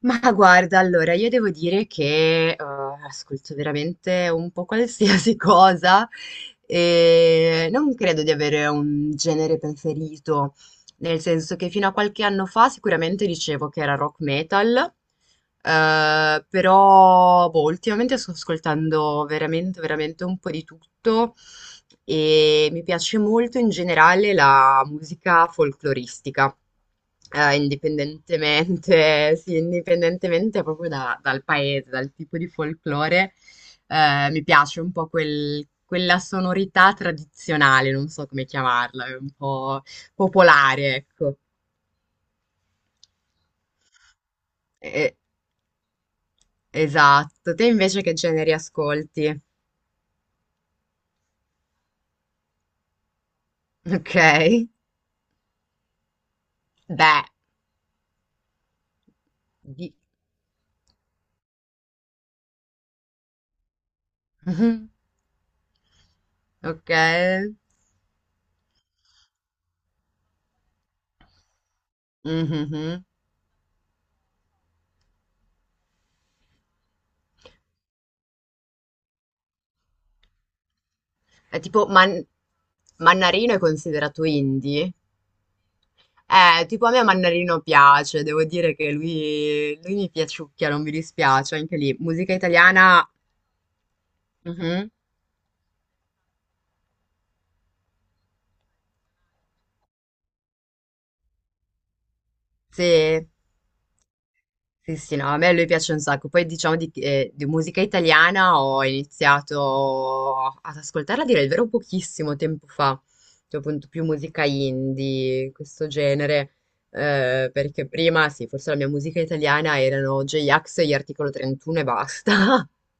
Ma guarda, allora io devo dire che, ascolto veramente un po' qualsiasi cosa e non credo di avere un genere preferito. Nel senso che fino a qualche anno fa sicuramente dicevo che era rock metal, però boh, ultimamente sto ascoltando veramente un po' di tutto e mi piace molto in generale la musica folcloristica, indipendentemente, sì, indipendentemente proprio dal paese, dal tipo di folklore, mi piace un po' quella sonorità tradizionale, non so come chiamarla, è un po' popolare, ecco. E- esatto. Te invece che generi ascolti? Ok. Beh, di- Mhm. Ok. Mhm. È tipo Man- Mannarino è considerato indie? Tipo a me Mannarino piace, devo dire che lui mi piaciucchia, non mi dispiace, anche lì. Musica italiana, mhm. Sì. Sì, sì, no, a me lui piace un sacco. Poi diciamo di musica italiana ho iniziato ad ascoltarla, a dire il vero, pochissimo tempo fa, cioè appunto più musica indie, questo genere, perché prima, sì, forse la mia musica italiana erano J-Ax e gli Articolo 31 e basta.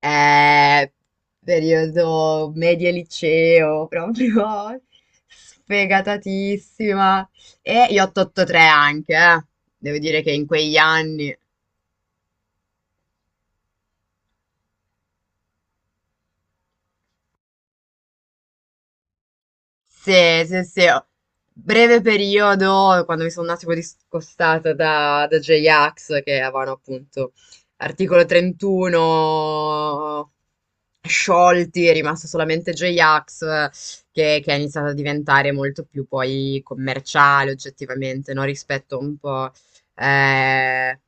Eh, periodo media liceo, proprio sfegatatissima. E gli 883 anche, eh. Devo dire che in quegli anni... Sì, sì, sì. Breve periodo, quando mi sono un attimo discostata da, J-Ax, che avevano appunto articolo 31 sciolti, è rimasto solamente J-Ax, che ha iniziato a diventare molto più poi commerciale oggettivamente, no? Rispetto un po'... eh,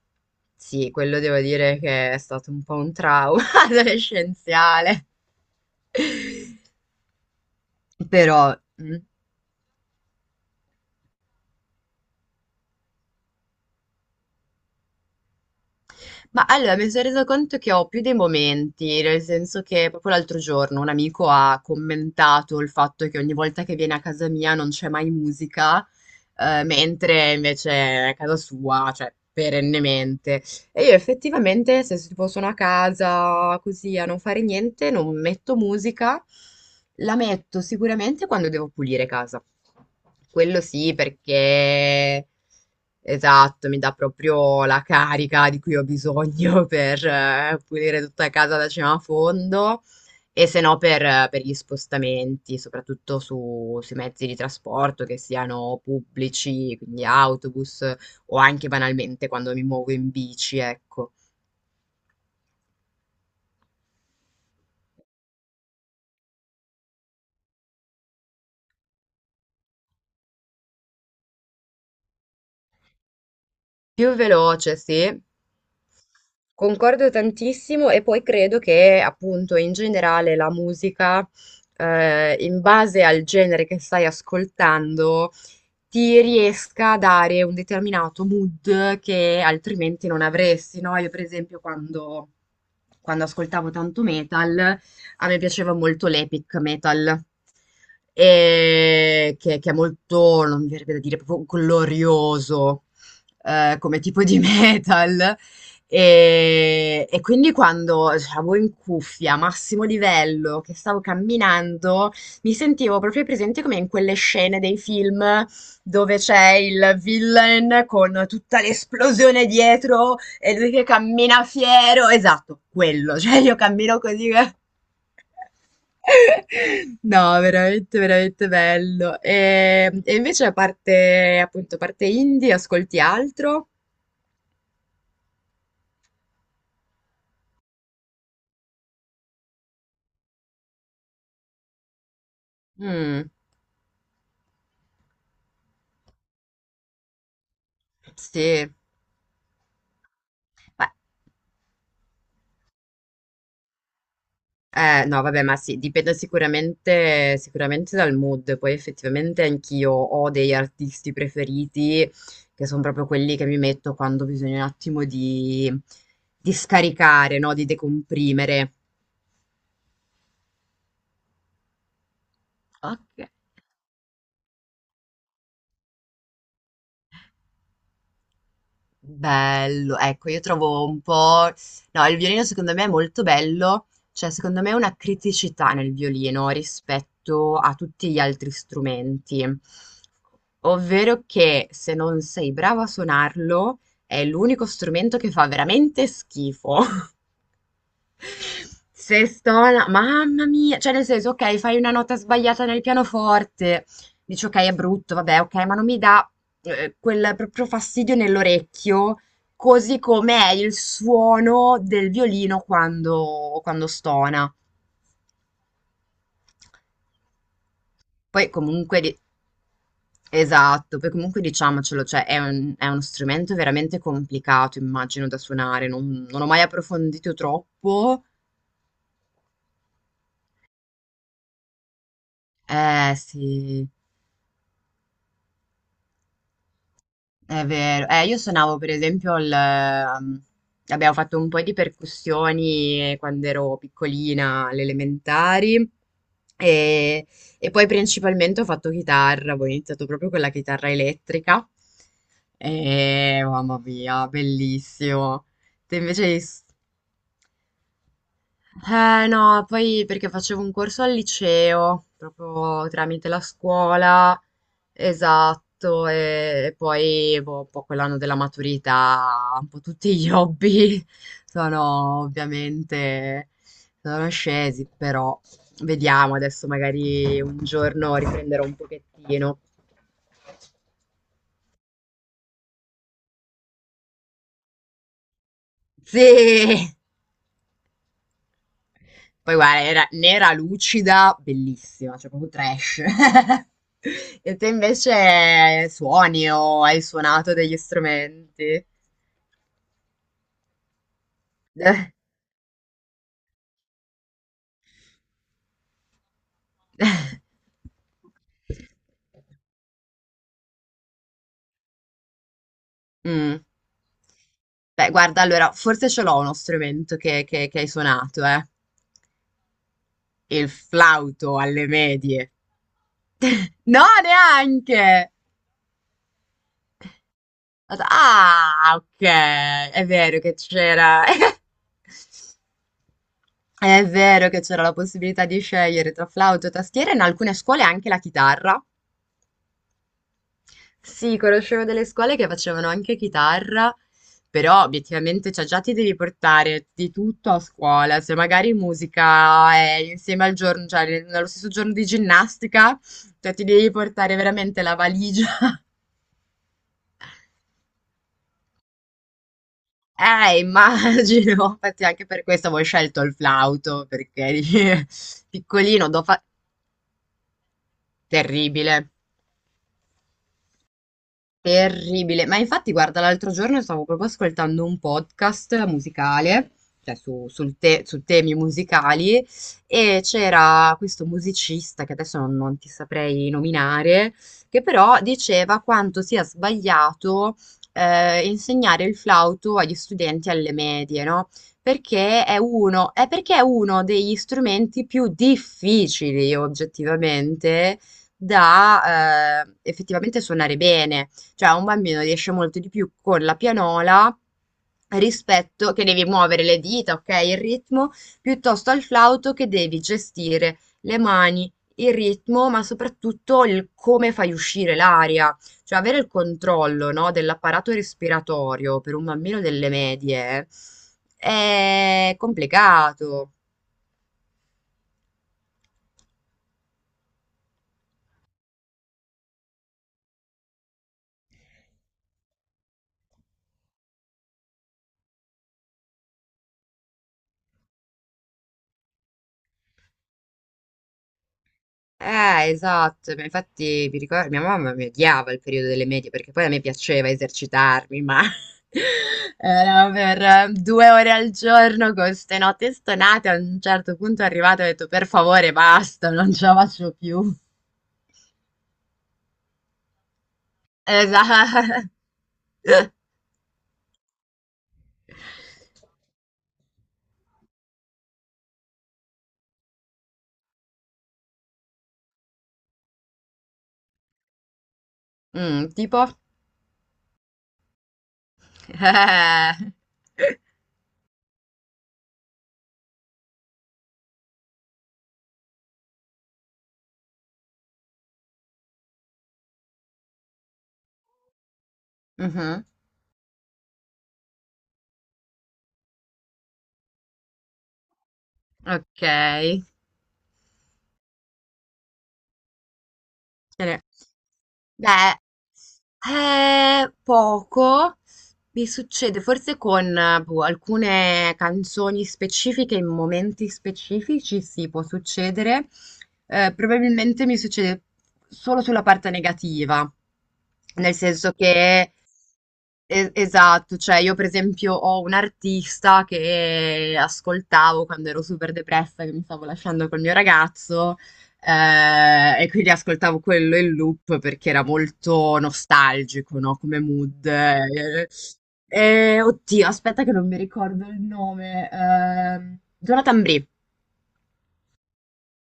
sì, quello devo dire che è stato un po' un trauma adolescenziale. Però... mm. Ma allora mi sono resa conto che ho più dei momenti, nel senso che proprio l'altro giorno un amico ha commentato il fatto che ogni volta che viene a casa mia non c'è mai musica, mentre invece è a casa sua, cioè perennemente. E io effettivamente se tipo sono a casa così a non fare niente, non metto musica, la metto sicuramente quando devo pulire casa. Quello sì, perché esatto, mi dà proprio la carica di cui ho bisogno per pulire tutta casa da cima a fondo e se no per, per gli spostamenti, soprattutto sui mezzi di trasporto, che siano pubblici, quindi autobus o anche banalmente quando mi muovo in bici, ecco. Più veloce, sì. Concordo tantissimo e poi credo che appunto in generale la musica, in base al genere che stai ascoltando, ti riesca a dare un determinato mood che altrimenti non avresti, no? Io per esempio quando, quando ascoltavo tanto metal, a me piaceva molto l'epic metal, e che è molto, non mi verrebbe da dire, proprio glorioso come tipo di metal. E quindi quando avevo in cuffia, massimo livello, che stavo camminando, mi sentivo proprio presente come in quelle scene dei film dove c'è il villain con tutta l'esplosione dietro e lui che cammina fiero. Esatto, quello. Cioè, io cammino così. No, veramente bello. E invece a parte, appunto, a parte indie, ascolti altro? Mm, sì. Beh. No, vabbè, ma sì, dipende sicuramente dal mood. Poi effettivamente anch'io ho degli artisti preferiti che sono proprio quelli che mi metto quando bisogna un attimo di scaricare, no? Di decomprimere. Ok. Bello, ecco, io trovo un po'... No, il violino secondo me è molto bello, cioè secondo me è una criticità nel violino rispetto a tutti gli altri strumenti, ovvero che se non sei bravo a suonarlo è l'unico strumento che fa veramente schifo. Se sto là, mamma mia, cioè nel senso, ok, fai una nota sbagliata nel pianoforte, dici ok, è brutto, vabbè, ok, ma non mi dà quel proprio fastidio nell'orecchio, così come è il suono del violino quando, quando stona. Poi comunque, esatto, poi comunque diciamocelo, cioè è è uno strumento veramente complicato, immagino, da suonare, non ho mai approfondito troppo. Eh sì. È vero, io suonavo per esempio il... abbiamo fatto un po' di percussioni quando ero piccolina, alle elementari, e, e poi principalmente ho fatto chitarra, ho iniziato proprio con la chitarra elettrica, e mamma mia, bellissimo. Te invece... hai eh no, poi perché facevo un corso al liceo, proprio tramite la scuola, esatto, e poi boh, un po' quell'anno della maturità, un po' tutti gli hobby sono ovviamente sono scesi, però vediamo adesso magari un giorno riprenderò un pochettino. Sì! Poi guarda, era nera, lucida, bellissima, cioè proprio trash. E te invece suoni o hai suonato degli strumenti? Eh. Mm. Beh, guarda, allora, forse ce l'ho uno strumento che, che hai suonato, eh. Il flauto alle medie. No, neanche! Ah, ok, è vero che c'era. È vero che c'era la possibilità di scegliere tra flauto e tastiera, in alcune scuole anche la chitarra. Sì, conoscevo delle scuole che facevano anche chitarra, però obiettivamente cioè, già ti devi portare di tutto a scuola. Se magari musica è insieme al giorno, cioè nello stesso giorno di ginnastica, cioè ti devi portare veramente la valigia. Immagino, infatti anche per questo avevo scelto il flauto, perché piccolino, terribile. Terribile, ma infatti guarda, l'altro giorno stavo proprio ascoltando un podcast musicale, cioè su, su temi musicali, e c'era questo musicista che adesso non, non ti saprei nominare, che però diceva quanto sia sbagliato insegnare il flauto agli studenti alle medie, no? Perché è uno, è perché è uno degli strumenti più difficili oggettivamente da effettivamente suonare bene, cioè un bambino riesce molto di più con la pianola rispetto che devi muovere le dita, ok, il ritmo, piuttosto al flauto che devi gestire le mani, il ritmo, ma soprattutto il come fai uscire l'aria. Cioè, avere il controllo, no, dell'apparato respiratorio per un bambino delle medie è complicato. Esatto, ma infatti mi ricordo, mia mamma mi odiava il periodo delle medie perché poi a me piaceva esercitarmi, ma era per 2 ore al giorno con ste note stonate, a un certo punto è arrivato e ho detto per favore basta, non ce la faccio più. Esatto. Mm, tipo? Mhm. Ok. Eh. Beh, poco mi succede, forse con boh, alcune canzoni specifiche, in momenti specifici, sì, può succedere. Probabilmente mi succede solo sulla parte negativa, nel senso che, esatto, cioè io per esempio ho un artista che ascoltavo quando ero super depressa, che mi stavo lasciando col mio ragazzo. E quindi ascoltavo quello in loop perché era molto nostalgico, no? Come mood. Oddio, aspetta che non mi ricordo il nome. Jonathan Brie,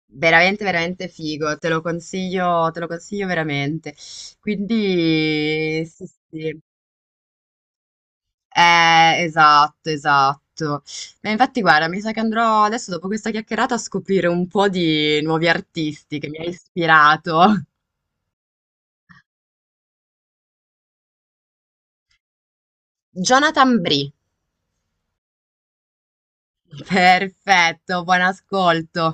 veramente figo, te lo consiglio veramente. Quindi, sì, sì. Esatto, esatto. Ma infatti, guarda, mi sa che andrò adesso, dopo questa chiacchierata, a scoprire un po' di nuovi artisti che mi ha ispirato. Jonathan Brie. Perfetto, buon ascolto.